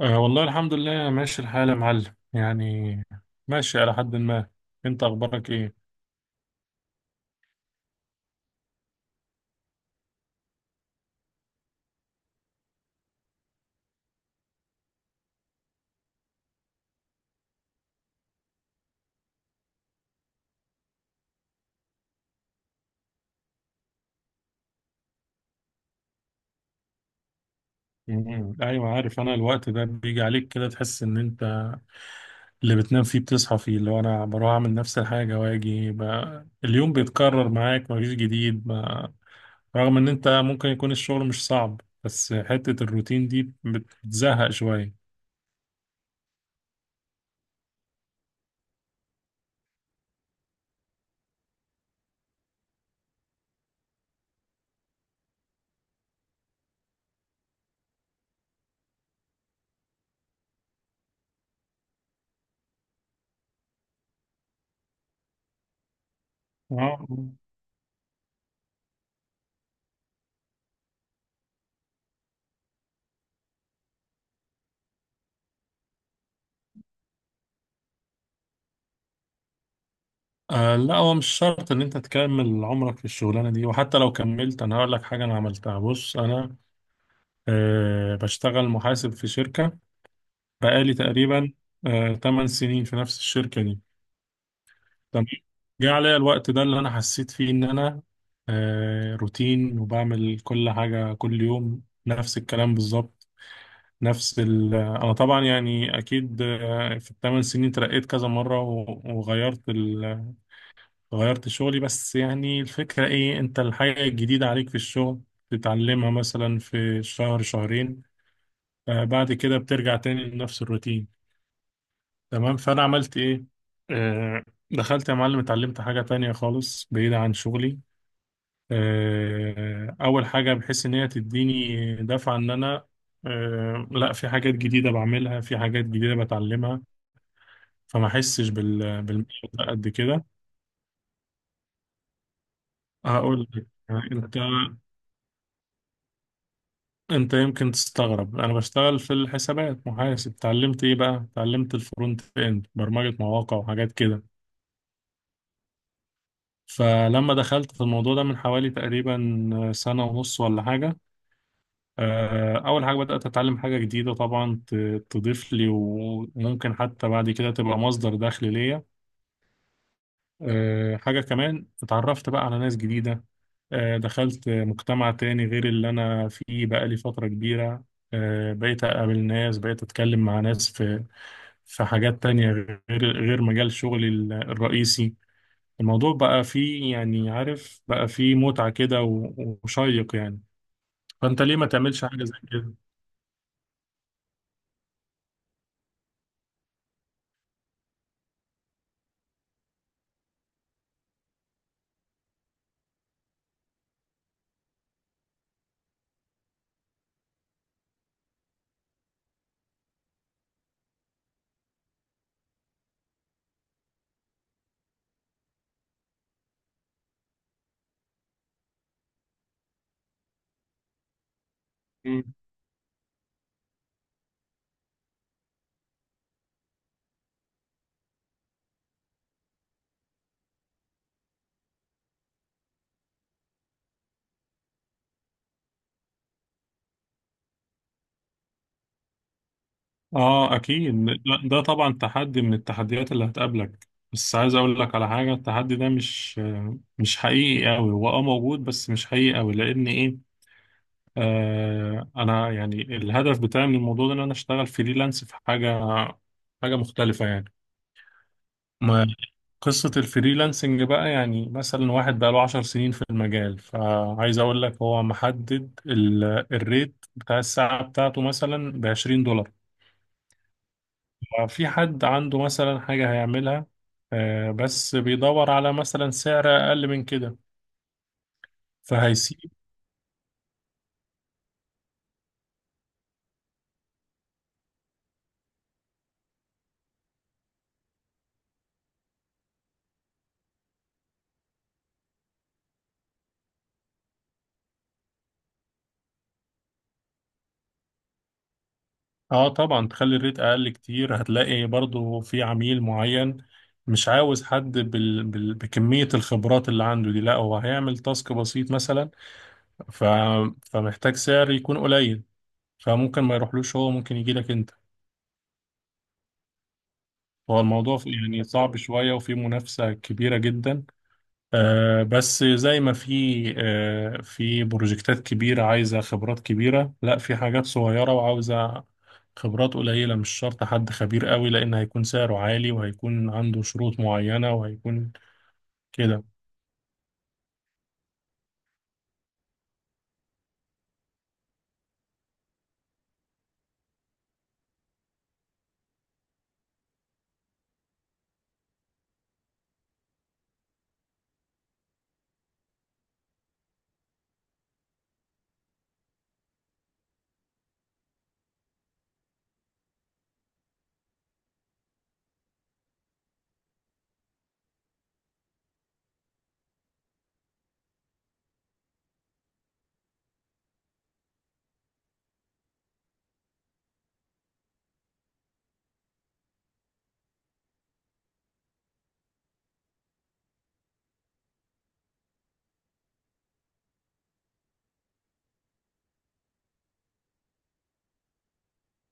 أه والله الحمد لله ماشي الحال يا معلم يعني ماشي على حد ما. انت اخبارك ايه؟ مم. ايوه عارف، انا الوقت ده بيجي عليك كده، تحس ان انت اللي بتنام فيه بتصحى فيه، اللي هو انا بروح اعمل نفس الحاجه واجي بقى اليوم بيتكرر معاك مفيش جديد ما. رغم ان انت ممكن يكون الشغل مش صعب بس حته الروتين دي بتزهق شويه. آه. آه، لا هو مش شرط ان انت تكمل عمرك في الشغلانه دي، وحتى لو كملت انا هقول لك حاجه انا عملتها. بص، انا أه بشتغل محاسب في شركة بقالي تقريبا أه 8 سنين في نفس الشركة دي. تمام. جه عليا الوقت ده اللي أنا حسيت فيه إن أنا أه روتين وبعمل كل حاجة كل يوم نفس الكلام بالظبط، نفس ال آه، أنا طبعا يعني أكيد، في الثمان سنين ترقيت كذا مرة و- وغيرت غيرت شغلي. بس يعني الفكرة إيه، أنت الحاجة الجديدة عليك في الشغل تتعلمها مثلا في شهر شهرين، بعد كده بترجع تاني لنفس الروتين. تمام. فأنا عملت إيه؟ آه، دخلت يا معلم اتعلمت حاجة تانية خالص بعيدة عن شغلي، أول حاجة بحيث إن هي تديني دفعة إن أنا، لا في حاجات جديدة بعملها، في حاجات جديدة بتعلمها، فما أحسش بالملل. ده قد كده. هقول لك أنت يمكن تستغرب، أنا بشتغل في الحسابات محاسب، اتعلمت إيه بقى، اتعلمت الفرونت إند، برمجة مواقع وحاجات كده. فلما دخلت في الموضوع ده من حوالي تقريبا سنة ونص ولا حاجة، أول حاجة بدأت أتعلم حاجة جديدة طبعا تضيف لي، وممكن حتى بعد كده تبقى مصدر دخل ليا. حاجة كمان، اتعرفت بقى على ناس جديدة، دخلت مجتمع تاني غير اللي أنا فيه بقالي فترة كبيرة، بقيت أقابل ناس، بقيت أتكلم مع ناس في في حاجات تانية غير غير مجال شغلي الرئيسي. الموضوع بقى فيه يعني عارف بقى فيه متعة كده و- وشيق يعني. فأنت ليه ما تعملش حاجة زي كده؟ مم. آه أكيد. لا، ده طبعا تحدي من التحديات اللي هتقابلك، بس عايز أقول لك على حاجة، التحدي ده مش حقيقي أوي، هو أه موجود بس مش حقيقي أوي، لأن إيه، آه أنا يعني الهدف بتاعي من الموضوع ده إن أنا أشتغل فريلانس في حاجة مختلفة. يعني قصة الفريلانسنج بقى، يعني مثلا واحد بقى له عشر سنين في المجال، فعايز أقول لك هو محدد الريت بتاع الساعة بتاعته مثلا بعشرين دولار. ففي حد عنده مثلا حاجة هيعملها، بس بيدور على مثلا سعر أقل من كده، فهيسيب. اه طبعا تخلي الريت أقل كتير، هتلاقي برضو في عميل معين مش عاوز حد بكمية الخبرات اللي عنده دي، لا هو هيعمل تاسك بسيط مثلا، ف... فمحتاج سعر يكون قليل، فممكن ما يروحلوش، هو ممكن يجي لك انت. هو الموضوع يعني صعب شوية وفي منافسة كبيرة جدا، آه بس زي ما في آه في بروجكتات كبيرة عايزة خبرات كبيرة، لا في حاجات صغيرة وعاوزة خبرات قليلة مش شرط حد خبير قوي، لأن هيكون سعره عالي وهيكون عنده شروط معينة وهيكون كده.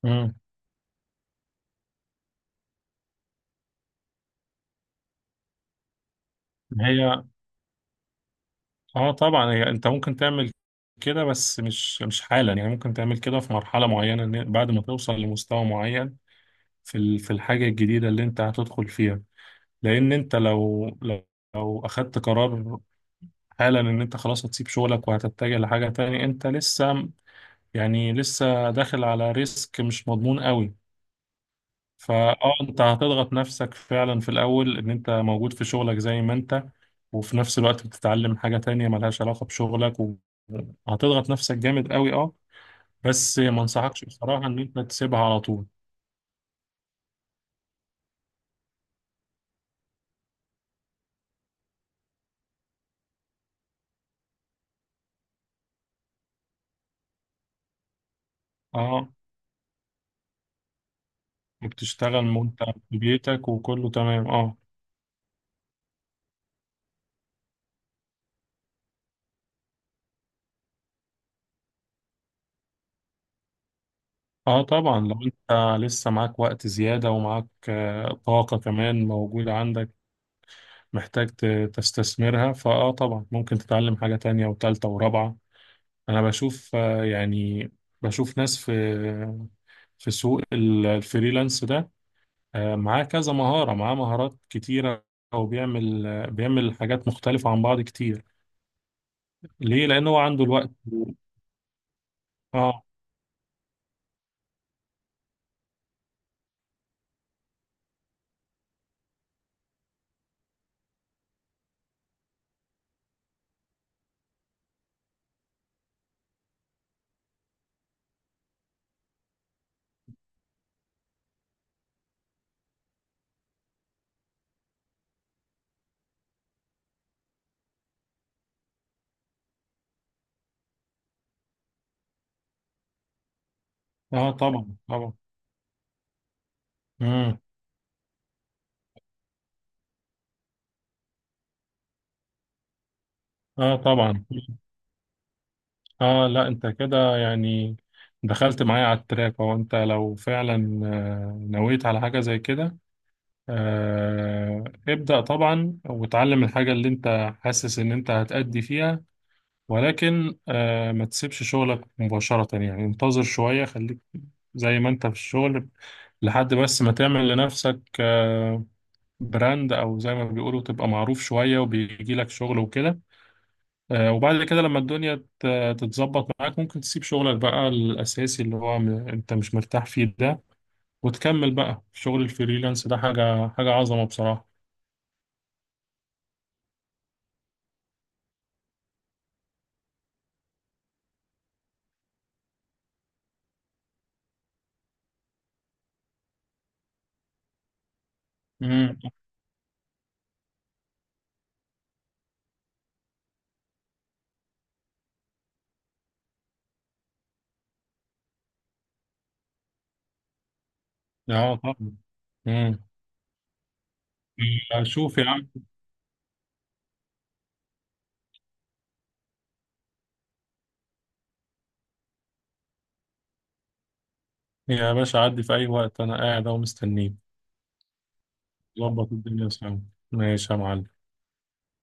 مم. هي اه طبعا، هي انت ممكن تعمل كده بس مش حالا، يعني ممكن تعمل كده في مرحلة معينة، إن بعد ما توصل لمستوى معين في في الحاجة الجديدة اللي انت هتدخل فيها. لان انت لو اخدت قرار حالا ان انت خلاص هتسيب شغلك وهتتجه لحاجة تانية، انت لسه يعني لسه داخل على ريسك مش مضمون قوي. فاه، انت هتضغط نفسك فعلا في الاول، ان انت موجود في شغلك زي ما انت، وفي نفس الوقت بتتعلم حاجة تانية ملهاش علاقة بشغلك، وهتضغط نفسك جامد قوي اه. بس ما انصحكش بصراحة ان انت تسيبها على طول. اه، وبتشتغل وانت في بيتك وكله تمام اه. اه طبعا، لو انت لسه معاك وقت زيادة ومعاك طاقة كمان موجودة عندك، محتاج تستثمرها، فاه طبعا ممكن تتعلم حاجة تانية وتالتة ورابعة. انا بشوف يعني بشوف ناس في في سوق الفريلانس ده، معاه كذا مهارة، معاه مهارات كتيرة، وبيعمل بيعمل حاجات مختلفة عن بعض كتير. ليه؟ لأنه هو عنده الوقت. اه. اه طبعا طبعا. مم. اه طبعا. اه لا انت كده يعني دخلت معايا على التراك. هو انت لو فعلا نويت على حاجة زي كده، ابدأ طبعا وتعلم الحاجة اللي انت حاسس ان انت هتأدي فيها، ولكن ما تسيبش شغلك مباشرة، يعني انتظر شوية، خليك زي ما انت في الشغل لحد بس ما تعمل لنفسك براند، او زي ما بيقولوا تبقى معروف شوية وبيجي لك شغل وكده. وبعد كده لما الدنيا تتظبط معاك ممكن تسيب شغلك بقى الأساسي اللي هو أنت مش مرتاح فيه ده، وتكمل بقى في شغل الفريلانس ده، حاجة عظمة بصراحة. امم. اه طبعا. امم. شوف يا عم، يا باشا عدي في أي وقت، أنا قاعد أهو مستنيك. ظبط الدنيا سوا. ماشي يا معلم.